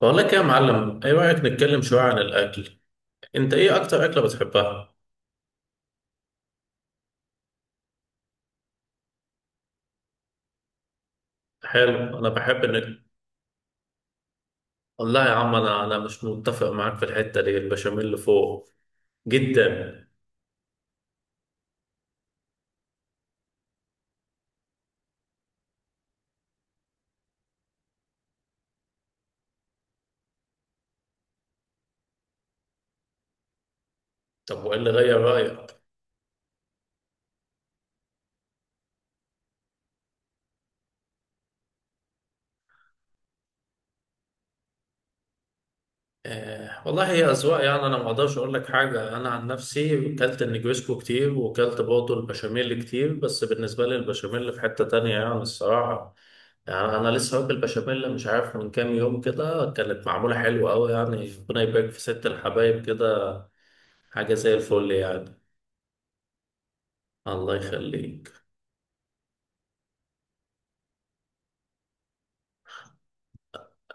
بقول لك إيه يا معلم، ايه رايك نتكلم شويه عن الاكل؟ انت ايه اكتر اكله بتحبها؟ حلو، انا بحب ان. والله يا عم انا مش متفق معاك في الحته دي، البشاميل اللي فوق جدا. طب وايه اللي غير رايك؟ آه والله، هي اذواق يعني. انا ما اقدرش اقول لك حاجه، انا عن نفسي كلت النجريسكو كتير وكلت برضه البشاميل كتير، بس بالنسبه لي البشاميل في حته تانية يعني الصراحه. يعني انا لسه واكل بشاميل مش عارف من كام يوم كده، كانت معموله حلوه قوي يعني، ربنا يبارك في ست الحبايب كده. حاجة زي الفل يعني. الله يخليك.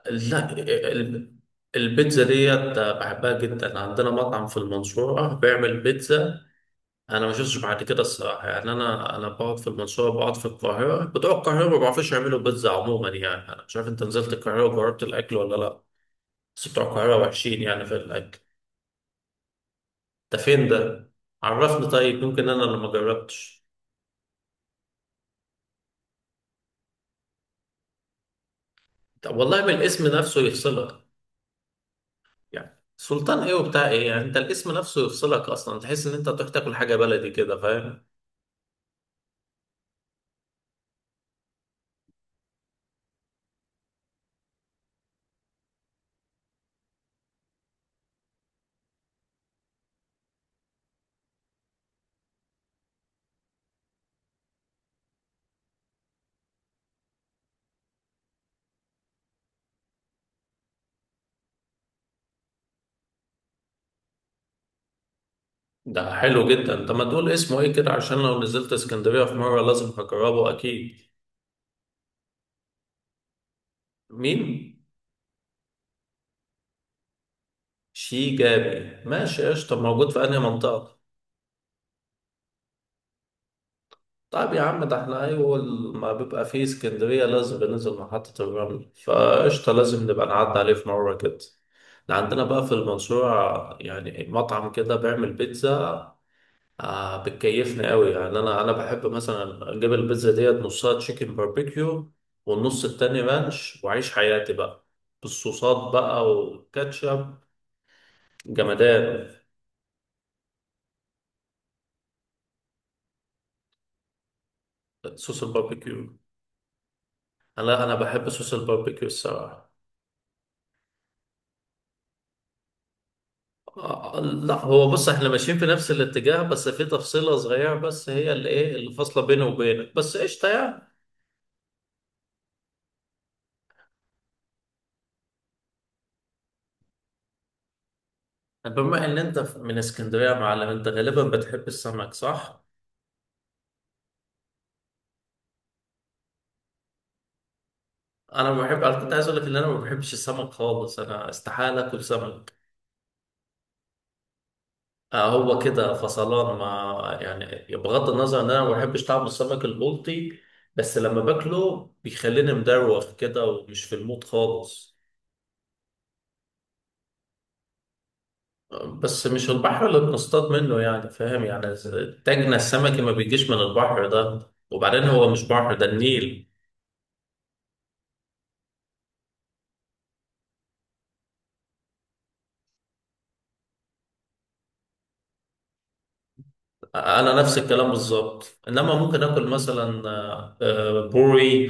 لا، ال- البيتزا ديت بحبها جدا، عندنا مطعم في المنصورة بيعمل بيتزا أنا ما شفتش بعد كده الصراحة. يعني أنا بقعد في المنصورة، بقعد في القاهرة، بتوع القاهرة ما بيعرفوش يعملوا بيتزا عموما. يعني أنا مش عارف أنت نزلت القاهرة وجربت الأكل ولا لأ، بس بتوع القاهرة وحشين يعني في الأكل. ده فين ده؟ عرفني، طيب يمكن أنا اللي ما جربتش. طب والله بالاسم نفسه يفصلك. يعني سلطان ايه وبتاع ايه، يعني انت الاسم نفسه يفصلك اصلا، تحس ان انت تروح تاكل حاجه بلدي كده، فاهم. ده حلو جدا، انت ما تقول اسمه ايه كده عشان لو نزلت اسكندريه في مره لازم هجربه اكيد. مين؟ شيجابي، ماشي قشطه. موجود في انهي منطقه؟ طيب يا عم، ده احنا اول ما بيبقى فيه اسكندريه لازم بننزل محطه الرمل، فقشطه لازم نبقى نعدي عليه في مره كده. ده عندنا بقى في المنصوره يعني مطعم كده بيعمل بيتزا آه، بتكيفني قوي يعني. انا بحب مثلا اجيب البيتزا ديت نصها تشيكن باربيكيو والنص التاني رانش، واعيش حياتي بقى بالصوصات بقى والكاتشب. جمدان. صوص الباربيكيو. انا بحب صوص الباربيكيو الصراحه. آه آه، لا هو بص، احنا ماشيين في نفس الاتجاه، بس في تفصيله صغيره بس هي اللي ايه اللي فاصله بيني وبينك بس، قشطه يعني. بما ان انت من اسكندريه يا معلم، انت غالبا بتحب السمك صح؟ انا ما بحب، انا كنت عايز اقول لك ان انا ما بحبش السمك خالص، انا استحاله اكل سمك. آه هو كده فصلان ما، يعني بغض النظر ان انا ما بحبش طعم السمك البلطي، بس لما باكله بيخليني مدروخ كده ومش في المود خالص. آه، بس مش البحر اللي بنصطاد منه يعني، فاهم يعني. تاجنا السمكي ما بيجيش من البحر ده، وبعدين هو مش بحر ده، النيل. انا نفس الكلام بالظبط، انما ممكن اكل مثلا بوري،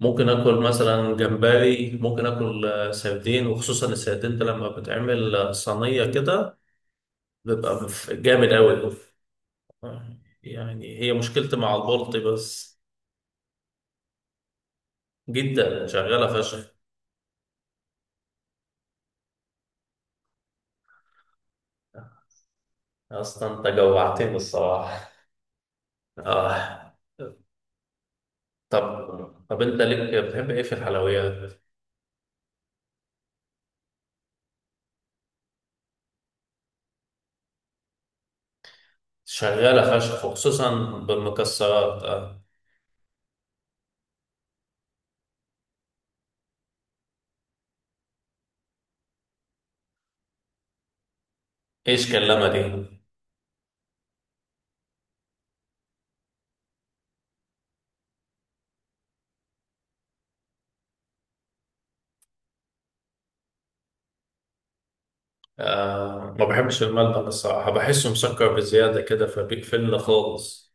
ممكن اكل مثلا جمبري، ممكن اكل سردين، وخصوصا السردين ده لما بتعمل صينيه كده بيبقى جامد قوي. يعني هي مشكلتي مع البلطي بس. جدا، شغاله فشخ. اصلا انت جوعتني الصراحه. اه. طب انت ليك، بتحب ايه في الحلويات؟ شغاله فشخ، وخصوصا بالمكسرات آه. ايش كلمه دي؟ آه ما بحبش الملبن الصراحة، بحسه مسكر بزيادة كده، فبيقفلنا خالص.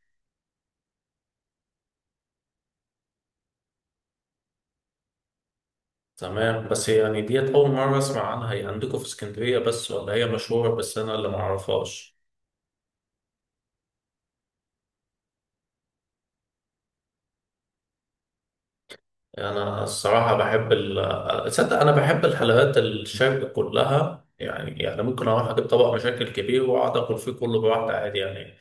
تمام، بس يعني ديت أول مرة أسمع عنها. هي عندكم في اسكندرية بس ولا هي مشهورة بس أنا اللي معرفهاش؟ أنا الصراحة بحب ال تصدق أنا بحب الحلويات الشرق كلها، يعني يعني ممكن أروح أجيب طبق مشاكل كبير وأقعد آكل فيه كله براحتي عادي يعني.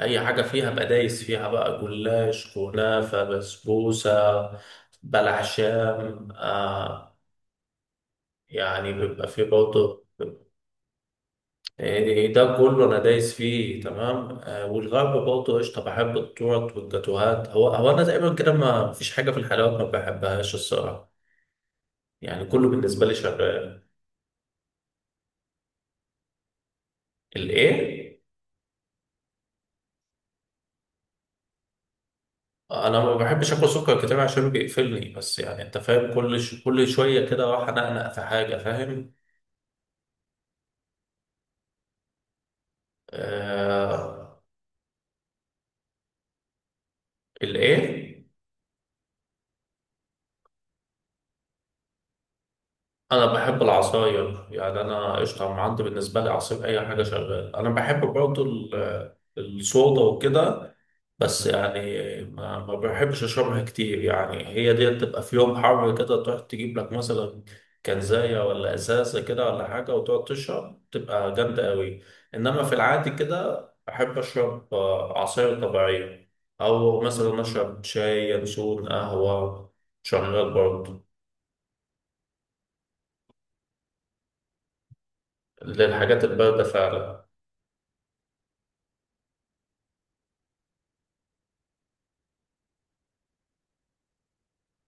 أي حاجة فيها بقى دايس فيها بقى، جلاش، كنافة، بسبوسة، بلح شام آه، يعني بيبقى فيه برضه، يعني إيه ده كله، انا دايس فيه تمام. آه، والغرب برضه قشطه، بحب التورت والجاتوهات. هو هو انا تقريبا كده ما فيش حاجه في الحلويات ما بحبهاش الصراحه، يعني كله بالنسبه لي شغال. الايه؟ انا ما بحبش اكل سكر كتير عشان بيقفلني، بس يعني انت فاهم، كل ش... كل شويه كده راح انقنق في حاجه، فاهم. آه. الايه؟ انا بحب العصاير يعني. انا قشطه، أنا عندي بالنسبه لي عصير اي حاجه شغال. انا بحب برضه الصودا وكده، بس يعني ما بحبش اشربها كتير. يعني هي دي تبقى في يوم حر كده تروح تجيب لك مثلا كنزايه ولا ازازه كده ولا حاجه وتقعد تشرب، تبقى جامده قوي. انما في العادي كده بحب اشرب عصاير طبيعيه، او مثلا اشرب شاي ينسون قهوه، شغال برضه. للحاجات البارده فعلا.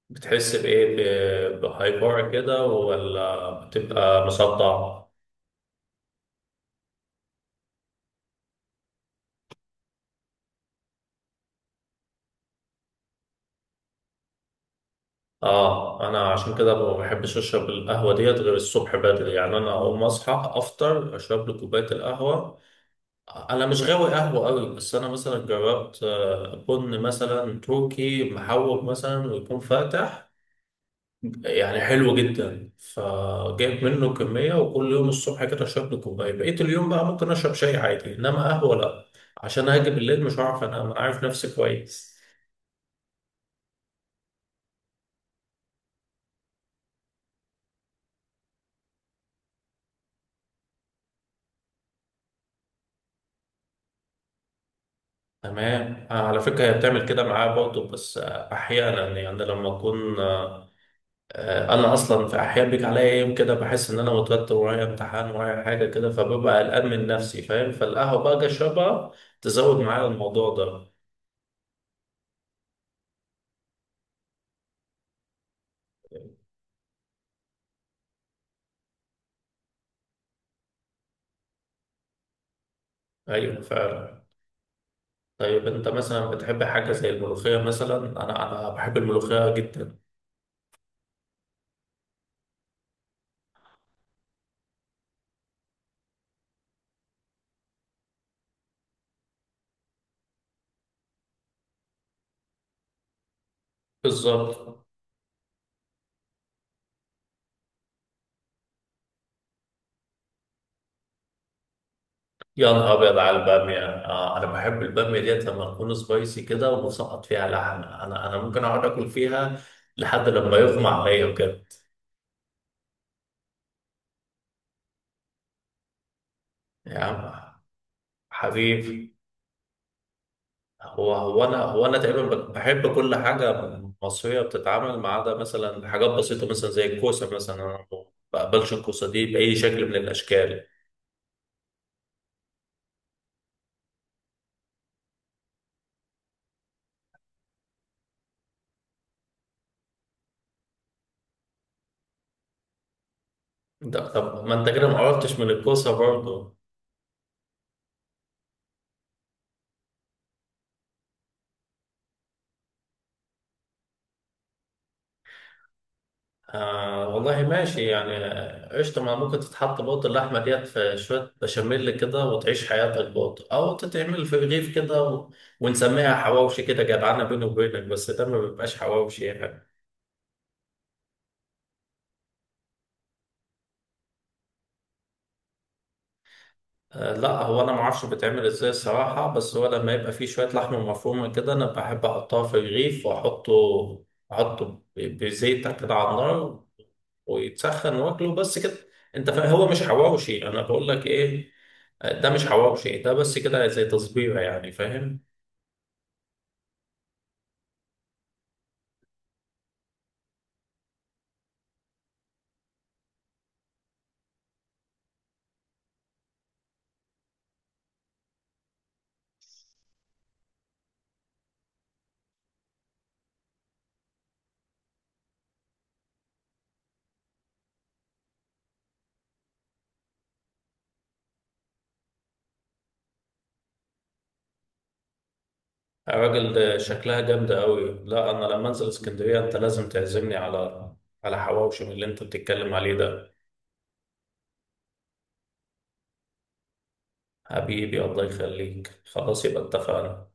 بتحس بإيه؟ بهايبر كده، ولا بتبقى مصدع؟ آه، أنا عشان كده ما بحبش أشرب القهوة ديت غير الصبح بدري، يعني أنا أقوم أصحى أفطر أشرب لي كوباية القهوة. أنا مش غاوي قهوة أوي، بس أنا مثلا جربت بن مثلا تركي محوج مثلا ويكون فاتح، يعني حلو جدا، فجايب منه كمية وكل يوم الصبح كده اشرب لي كوباية. بقيت اليوم بقى ممكن اشرب شاي عادي، انما قهوة لا، عشان هاجي بالليل مش هعرف انام، انا عارف نفسي كويس. تمام آه، على فكرة هي بتعمل كده معايا برضه، بس احيانا يعني لما اكون انا اصلا في احيان بيجي عليا يوم كده بحس ان انا متوتر، ورايا امتحان ورايا حاجة كده، فببقى قلقان من نفسي فاهم، فالقهوة بقى اجي اشربها تزود معايا الموضوع ده. ايوه فعلا. طيب انت مثلا بتحب حاجه زي الملوخيه مثلا؟ انا بحب الملوخيه جدا. بالظبط. يا نهار ابيض على الباميه، آه انا بحب الباميه ديت لما تكون سبايسي كده ومسقط فيها لحمه، انا ممكن اقعد اكل فيها لحد لما يغمى عليا وكده. يا عم حبيبي. هو هو انا، هو انا تقريبا بحب كل حاجه مصريه بتتعمل، ما عدا مثلا حاجات بسيطه مثلا زي الكوسه مثلا، انا ما بقبلش الكوسه دي باي شكل من الاشكال. طب ما انت كده ما عرفتش من الكوسه برضه. آه والله ماشي يعني. آه، قشطة ما ممكن تتحط بوط اللحمة ديت في شوية بشاميل كده وتعيش حياتك بوط، أو تتعمل في رغيف كده و... ونسميها حواوشي كده جدعانة بيني وبينك، بس ده ما بيبقاش حواوشي يعني. آه، لا هو انا ما اعرفش بتعمل ازاي الصراحه، بس هو لما يبقى فيه شويه لحمه مفرومه كده انا بحب احطها في الرغيف، واحطه احطه بزيت كده على النار ويتسخن واكله بس كده. انت فاهم، هو مش حواوشي، انا بقول لك ايه، آه، ده مش حواوشي ده، بس كده زي تصبيره يعني، فاهم. الراجل ده شكلها جامده قوي، لا انا لما انزل اسكندريه انت لازم تعزمني على على حواوشي من اللي انت بتتكلم عليه ده. حبيبي الله يخليك، خلاص يبقى اتفقنا.